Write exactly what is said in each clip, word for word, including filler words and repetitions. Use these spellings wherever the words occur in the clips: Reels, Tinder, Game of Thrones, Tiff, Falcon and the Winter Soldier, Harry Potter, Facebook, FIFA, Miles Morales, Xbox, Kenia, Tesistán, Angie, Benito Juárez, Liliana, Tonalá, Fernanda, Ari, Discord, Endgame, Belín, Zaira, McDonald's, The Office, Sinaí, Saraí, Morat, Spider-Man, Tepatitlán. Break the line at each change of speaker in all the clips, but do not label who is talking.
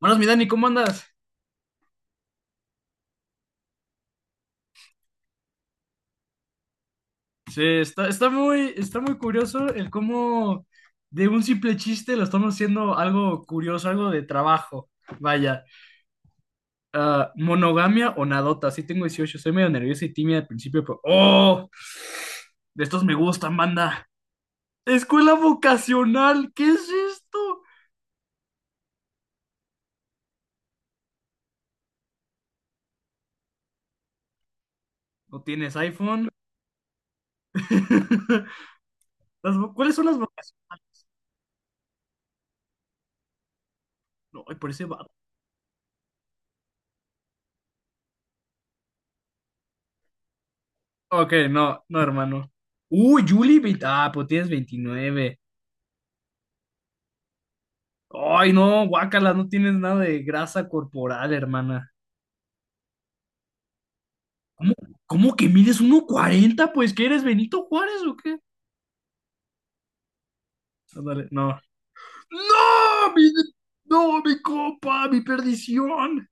Buenas, mi Dani, ¿cómo andas? Se está, está muy, está muy curioso el cómo de un simple chiste lo estamos haciendo algo curioso, algo de trabajo. Vaya, ah, monogamia o nadota, sí tengo dieciocho, soy medio nerviosa y tímida al principio, pero ¡oh! De estos me gustan, banda. Escuela vocacional, ¿qué es esto? ¿No tienes iPhone? Las vo- ¿cuáles son las vocacionales? No, ay, por ese vato. Ok, no, no, hermano. Uy, Julie, veinte- ah, pues tienes veintinueve. Ay, no, guácala, no tienes nada de grasa corporal, hermana. ¿Cómo, cómo que mides uno cuarenta? Pues, ¿qué eres, Benito Juárez o qué? Ándale, no. ¡No! Mi, no, mi copa, mi perdición.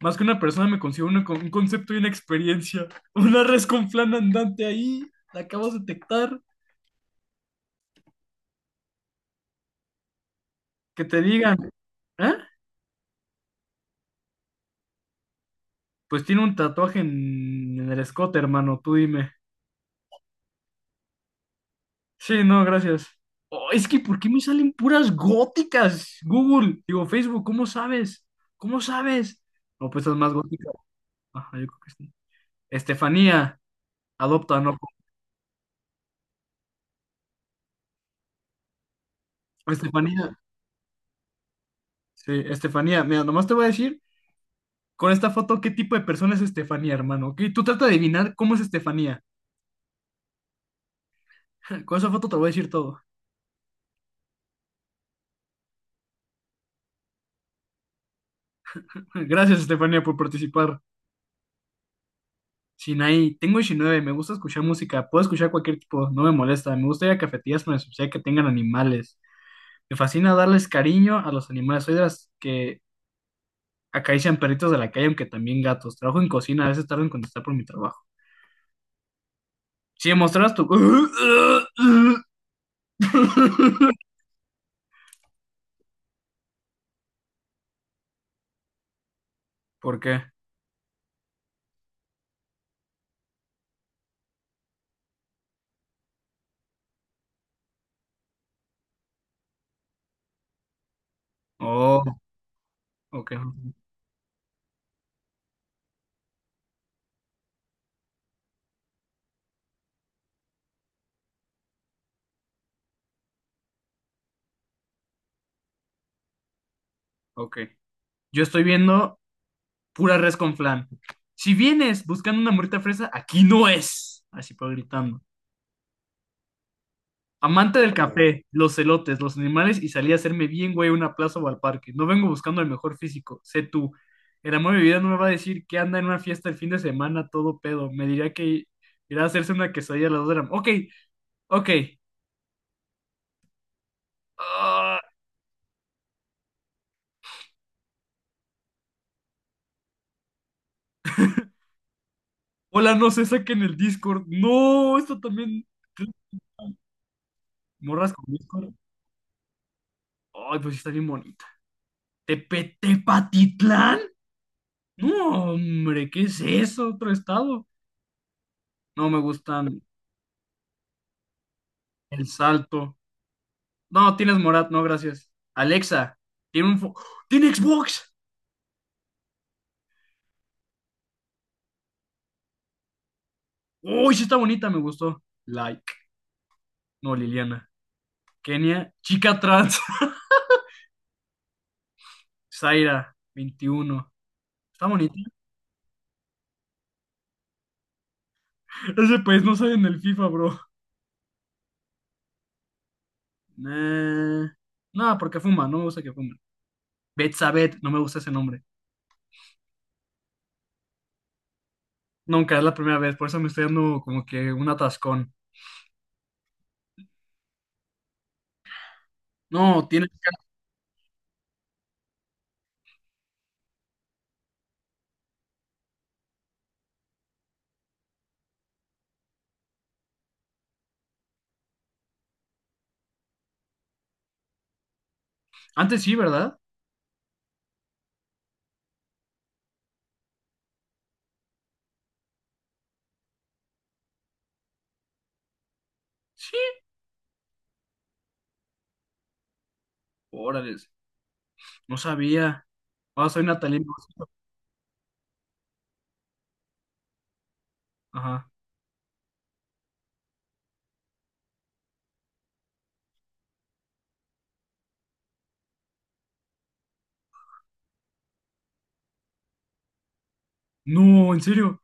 Más que una persona me consigo una con- un concepto y una experiencia. Una res con flan andante ahí, la acabas de detectar. Que te digan, ¿eh? Pues tiene un tatuaje en, en el escote, hermano, tú dime. Sí, no, gracias. Oh, es que, ¿por qué me salen puras góticas? Google, digo, Facebook, ¿cómo sabes? ¿Cómo sabes? No, pues es más gótica. Ajá, yo creo que sí. Estefanía, adopta, no. Estefanía, sí, Estefanía, mira, nomás te voy a decir con esta foto qué tipo de persona es Estefanía, hermano, ¿ok? Tú trata de adivinar cómo es Estefanía. Con esa foto te voy a decir todo. Gracias, Estefanía, por participar. Sinaí, tengo diecinueve, me gusta escuchar música, puedo escuchar cualquier tipo, no me molesta, me gusta ir a cafeterías con la sociedad que tengan animales. Me fascina darles cariño a los animales. Soy de las que acarician perritos de la calle, aunque también gatos. Trabajo en cocina, a veces tardo en contestar por mi trabajo. Si me mostraras tu... ¿Por qué? Oh, ok, ok. Yo estoy viendo pura res con flan. Si vienes buscando una morrita fresa, aquí no es. Así por gritando. Amante del café, los celotes, los animales y salí a hacerme bien, güey, a una plaza o al parque. No vengo buscando el mejor físico, sé tú. El amor de mi vida no me va a decir que anda en una fiesta el fin de semana, todo pedo. Me dirá que irá a hacerse una quesadilla a las dos de la mañana. Ok, ok. Ah, hola, no se saquen el Discord. No, esto también. ¿Morras con Discord? Ay, pues sí está bien bonita. ¿Tepe- ¿Tepatitlán? No, hombre, ¿qué es eso? Otro estado. No me gustan el Salto. No, tienes Morat, no, gracias. Alexa, tiene un... fo- ¡tiene Xbox! ¡Uy, sí está bonita, me gustó! Like. No, Liliana. Kenia, chica trans. Zaira, veintiuno. Está bonita. Ese país no sale en el FIFA, bro. Nah. No, porque fuma, no me gusta que fumen. Betsabet, no me gusta ese nombre. Nunca, es la primera vez, por eso me estoy dando como que un atascón. No, tiene... Antes sí, ¿verdad? Sí. Órale, no sabía. Ah, soy Natalie. Ajá. No, ¿en serio?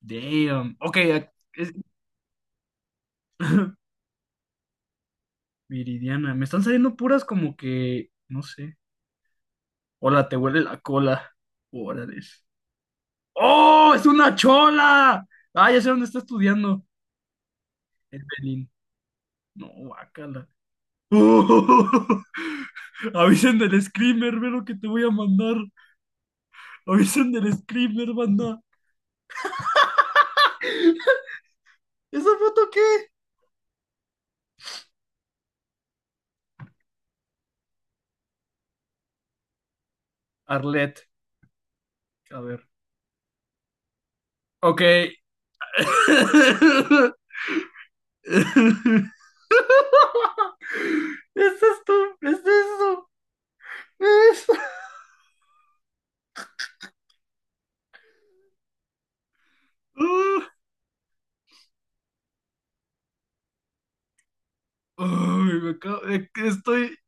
Damn. Ok, ac- es- Viridiana. Me están saliendo puras como que. No sé. Hola, te huele la cola. Órale. ¡Oh! ¡Es una chola! Ah, ya sé dónde está estudiando. En Belín. No, guácala. ¡Oh! Avisen del screamer, ve lo que te voy a mandar. Avisen del screamer, banda. ¿Esa foto qué? Arlet. A ver. Ok. ¿Es esto? ¿Es eso? Es- Ah, ay, me acabo- eh, que estoy.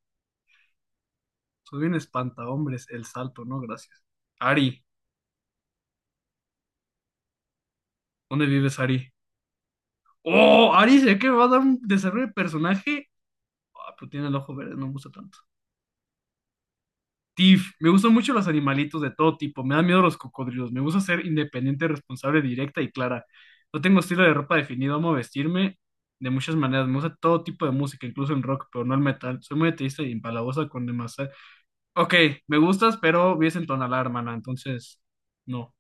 Soy un espantahombres, el salto, no, gracias. Ari, ¿dónde vives, Ari? ¡Oh! Ari, sé que me va a dar un desarrollo de personaje. Ah, pero tiene el ojo verde, no me gusta tanto. Tiff, me gustan mucho los animalitos de todo tipo. Me dan miedo los cocodrilos. Me gusta ser independiente, responsable, directa y clara. No tengo estilo de ropa definido, amo vestirme de muchas maneras. Me gusta todo tipo de música, incluso el rock, pero no el metal. Soy muy ateísta y empalagosa con demás. Ok, me gustas, pero vives en Tonalá, hermana, entonces no.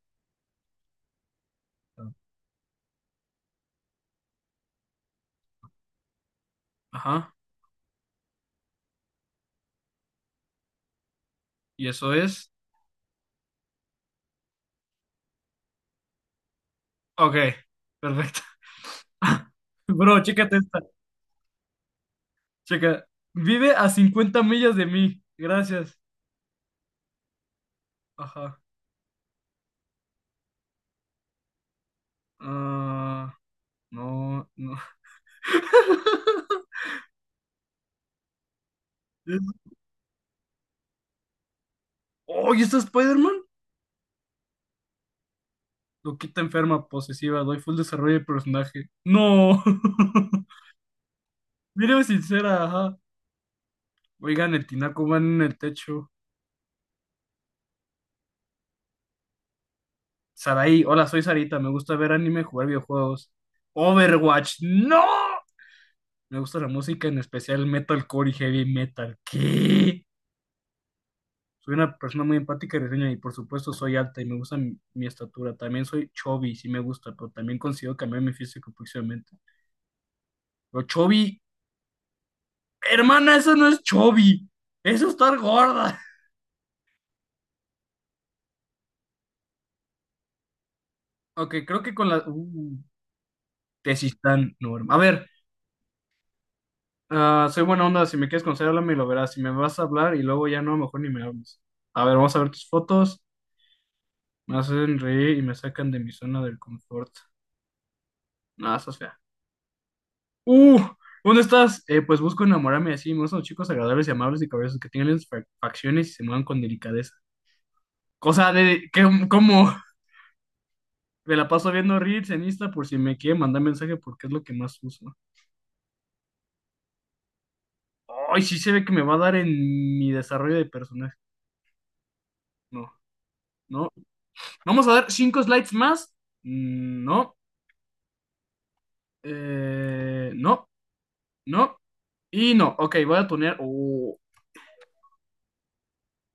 Ajá, y eso es. Ok, perfecto. Bro, chécate esta. Checa. Vive a cincuenta millas de mí. Gracias. Ajá. Ah, no, no. Es- Oh, ¿y esta Spider-Man? Loquita enferma, posesiva, doy full desarrollo de personaje. No. Mírame sincera, ajá. Oigan, el tinaco va en el techo. Saraí, hola, soy Sarita, me gusta ver anime, jugar videojuegos. Overwatch, no. Me gusta la música, en especial metalcore y heavy metal. ¿Qué? Soy una persona muy empática y risueña y por supuesto soy alta y me gusta mi, mi estatura. También soy chubby, sí me gusta, pero también consigo cambiar mi físico próximamente. Pero chubby, hermana, eso no es chubby, eso es estar gorda. Ok, creo que con la... Uh, Tesistán, no, hermano. A ver, ah, soy buena onda, si me quieres conocer, háblame y lo verás. Si me vas a hablar y luego ya no, mejor ni me hables. A ver, vamos a ver tus fotos. Me hacen reír y me sacan de mi zona del confort. Nada, estás fea. ¡Uh! ¿Dónde estás? Eh, pues busco enamorarme así. Me gustan los chicos agradables y amables y cabezos que tengan lindas fa- facciones y se muevan con delicadeza. Cosa de... ¿qué, ¿Cómo? Me la paso viendo Reels en Insta por si me quiere mandar mensaje porque es lo que más uso. Ay, sí se ve que me va a dar en mi desarrollo de personaje. No, no. Vamos a dar cinco slides más. Mm, no, eh, no, no y no. Ok, voy a tunear. Oh,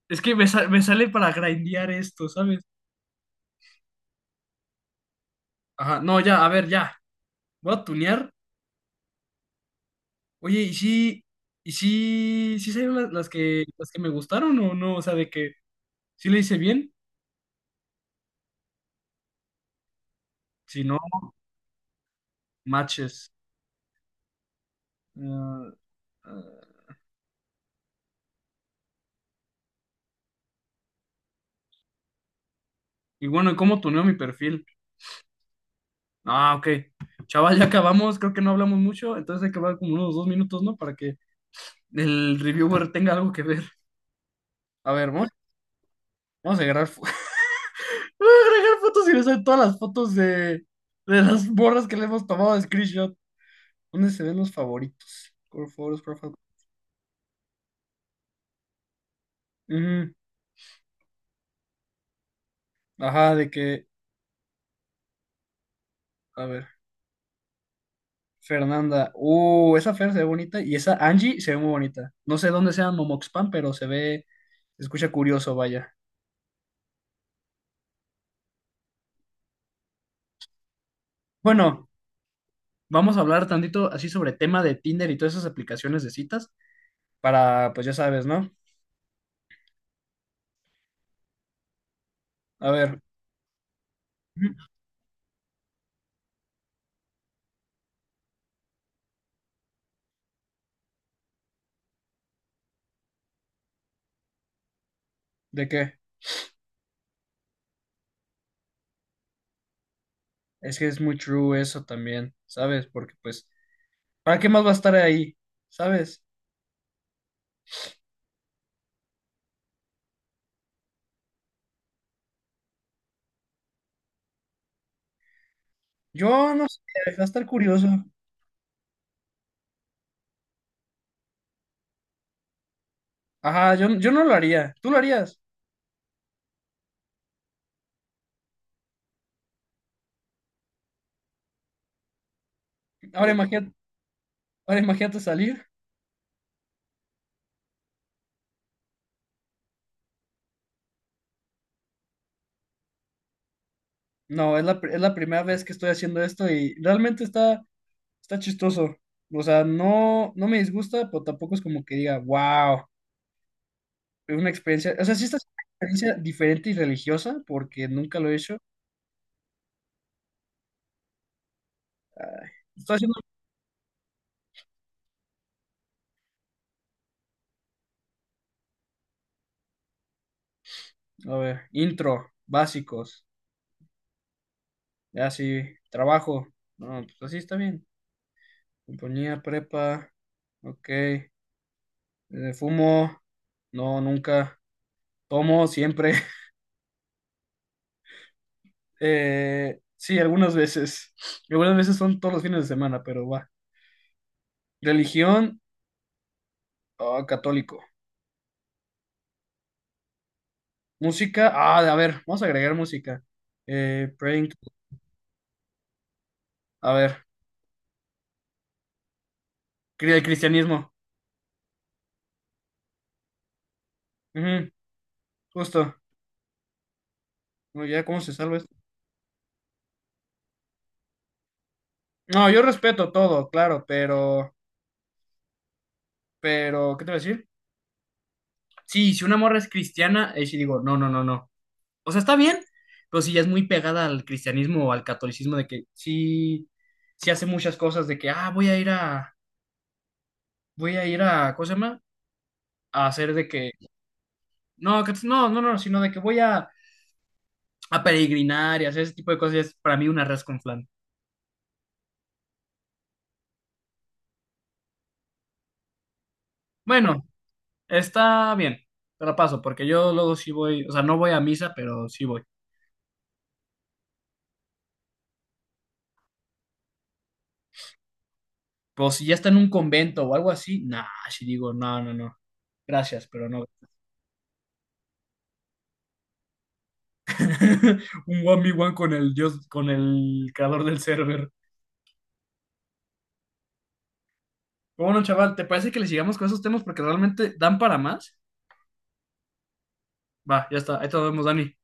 es que me, sa- me sale para grindear esto, ¿sabes? Ajá, no, ya, a ver, ya. Voy a tunear. Oye, ¿y si, y si, si salieron las, las que, las que me gustaron o no? O sea, de que si le hice bien, si no, matches. Ah, ah, y bueno, ¿cómo tuneo mi perfil? Ah, ok. Chaval, ya acabamos, creo que no hablamos mucho, entonces hay que hablar como unos dos minutos, ¿no? Para que el reviewer tenga algo que ver. A ver, vamos, vamos a agarrar, fo- vamos a agregar fotos y les doy todas las fotos de, de las borras que le hemos tomado de screenshot. ¿Dónde se ven los favoritos? Core photos, profile. Ujú. Ajá, de que, a ver, Fernanda. Uh, esa Fer se ve bonita y esa Angie se ve muy bonita. No sé dónde sea Momoxpan, pero se ve, se escucha curioso, vaya. Bueno, vamos a hablar tantito así sobre tema de Tinder y todas esas aplicaciones de citas para, pues ya sabes, ¿no? A ver, ujú, ¿de qué? Es que es muy true eso también, ¿sabes? Porque pues, ¿para qué más va a estar ahí? ¿Sabes? Yo no sé, va a estar curioso. Ajá, yo, yo no lo haría. ¿Tú lo harías? Ahora imagínate, ahora imagínate salir. No, es la, pr- es la primera vez que estoy haciendo esto y realmente está, está chistoso. O sea, no, no me disgusta, pero tampoco es como que diga, wow, es una experiencia. O sea, sí está siendo una experiencia diferente y religiosa porque nunca lo he hecho. Ay, estoy haciendo, a ver, intro, básicos. Ya sí, trabajo. No, pues así está bien. Compañía, prepa, ok. Eh, fumo, no, nunca. Tomo, siempre. Eh, sí, algunas veces. Algunas veces son todos los fines de semana, pero va. Religión, ah, católico. Música, ah, a ver, vamos a agregar música. Eh, praying, to- a ver, cri- el cristianismo. Ujú, justo. No, ya, ¿cómo se salva esto? No, yo respeto todo, claro, pero, pero, ¿qué te voy a decir? Sí, si una morra es cristiana, ahí sí digo, no, no, no, no. O sea, está bien, pero si ya es muy pegada al cristianismo o al catolicismo de que sí, sí hace muchas cosas de que, ah, voy a ir a, voy a ir a, ¿cómo se llama? A hacer de que, no, que- no, no, no, sino de que voy a, a peregrinar y hacer ese tipo de cosas, y es para mí una res con flan. Bueno, está bien, te la paso, porque yo luego sí voy, o sea, no voy a misa, pero sí voy. Pero si ya está en un convento o algo así, nah, sí digo, no, no, no, gracias, pero no. Un uno contra uno con el dios, con el creador del server. Bueno, chaval, ¿te parece que le sigamos con esos temas porque realmente dan para más? Va, ya está. Ahí te vemos, Dani.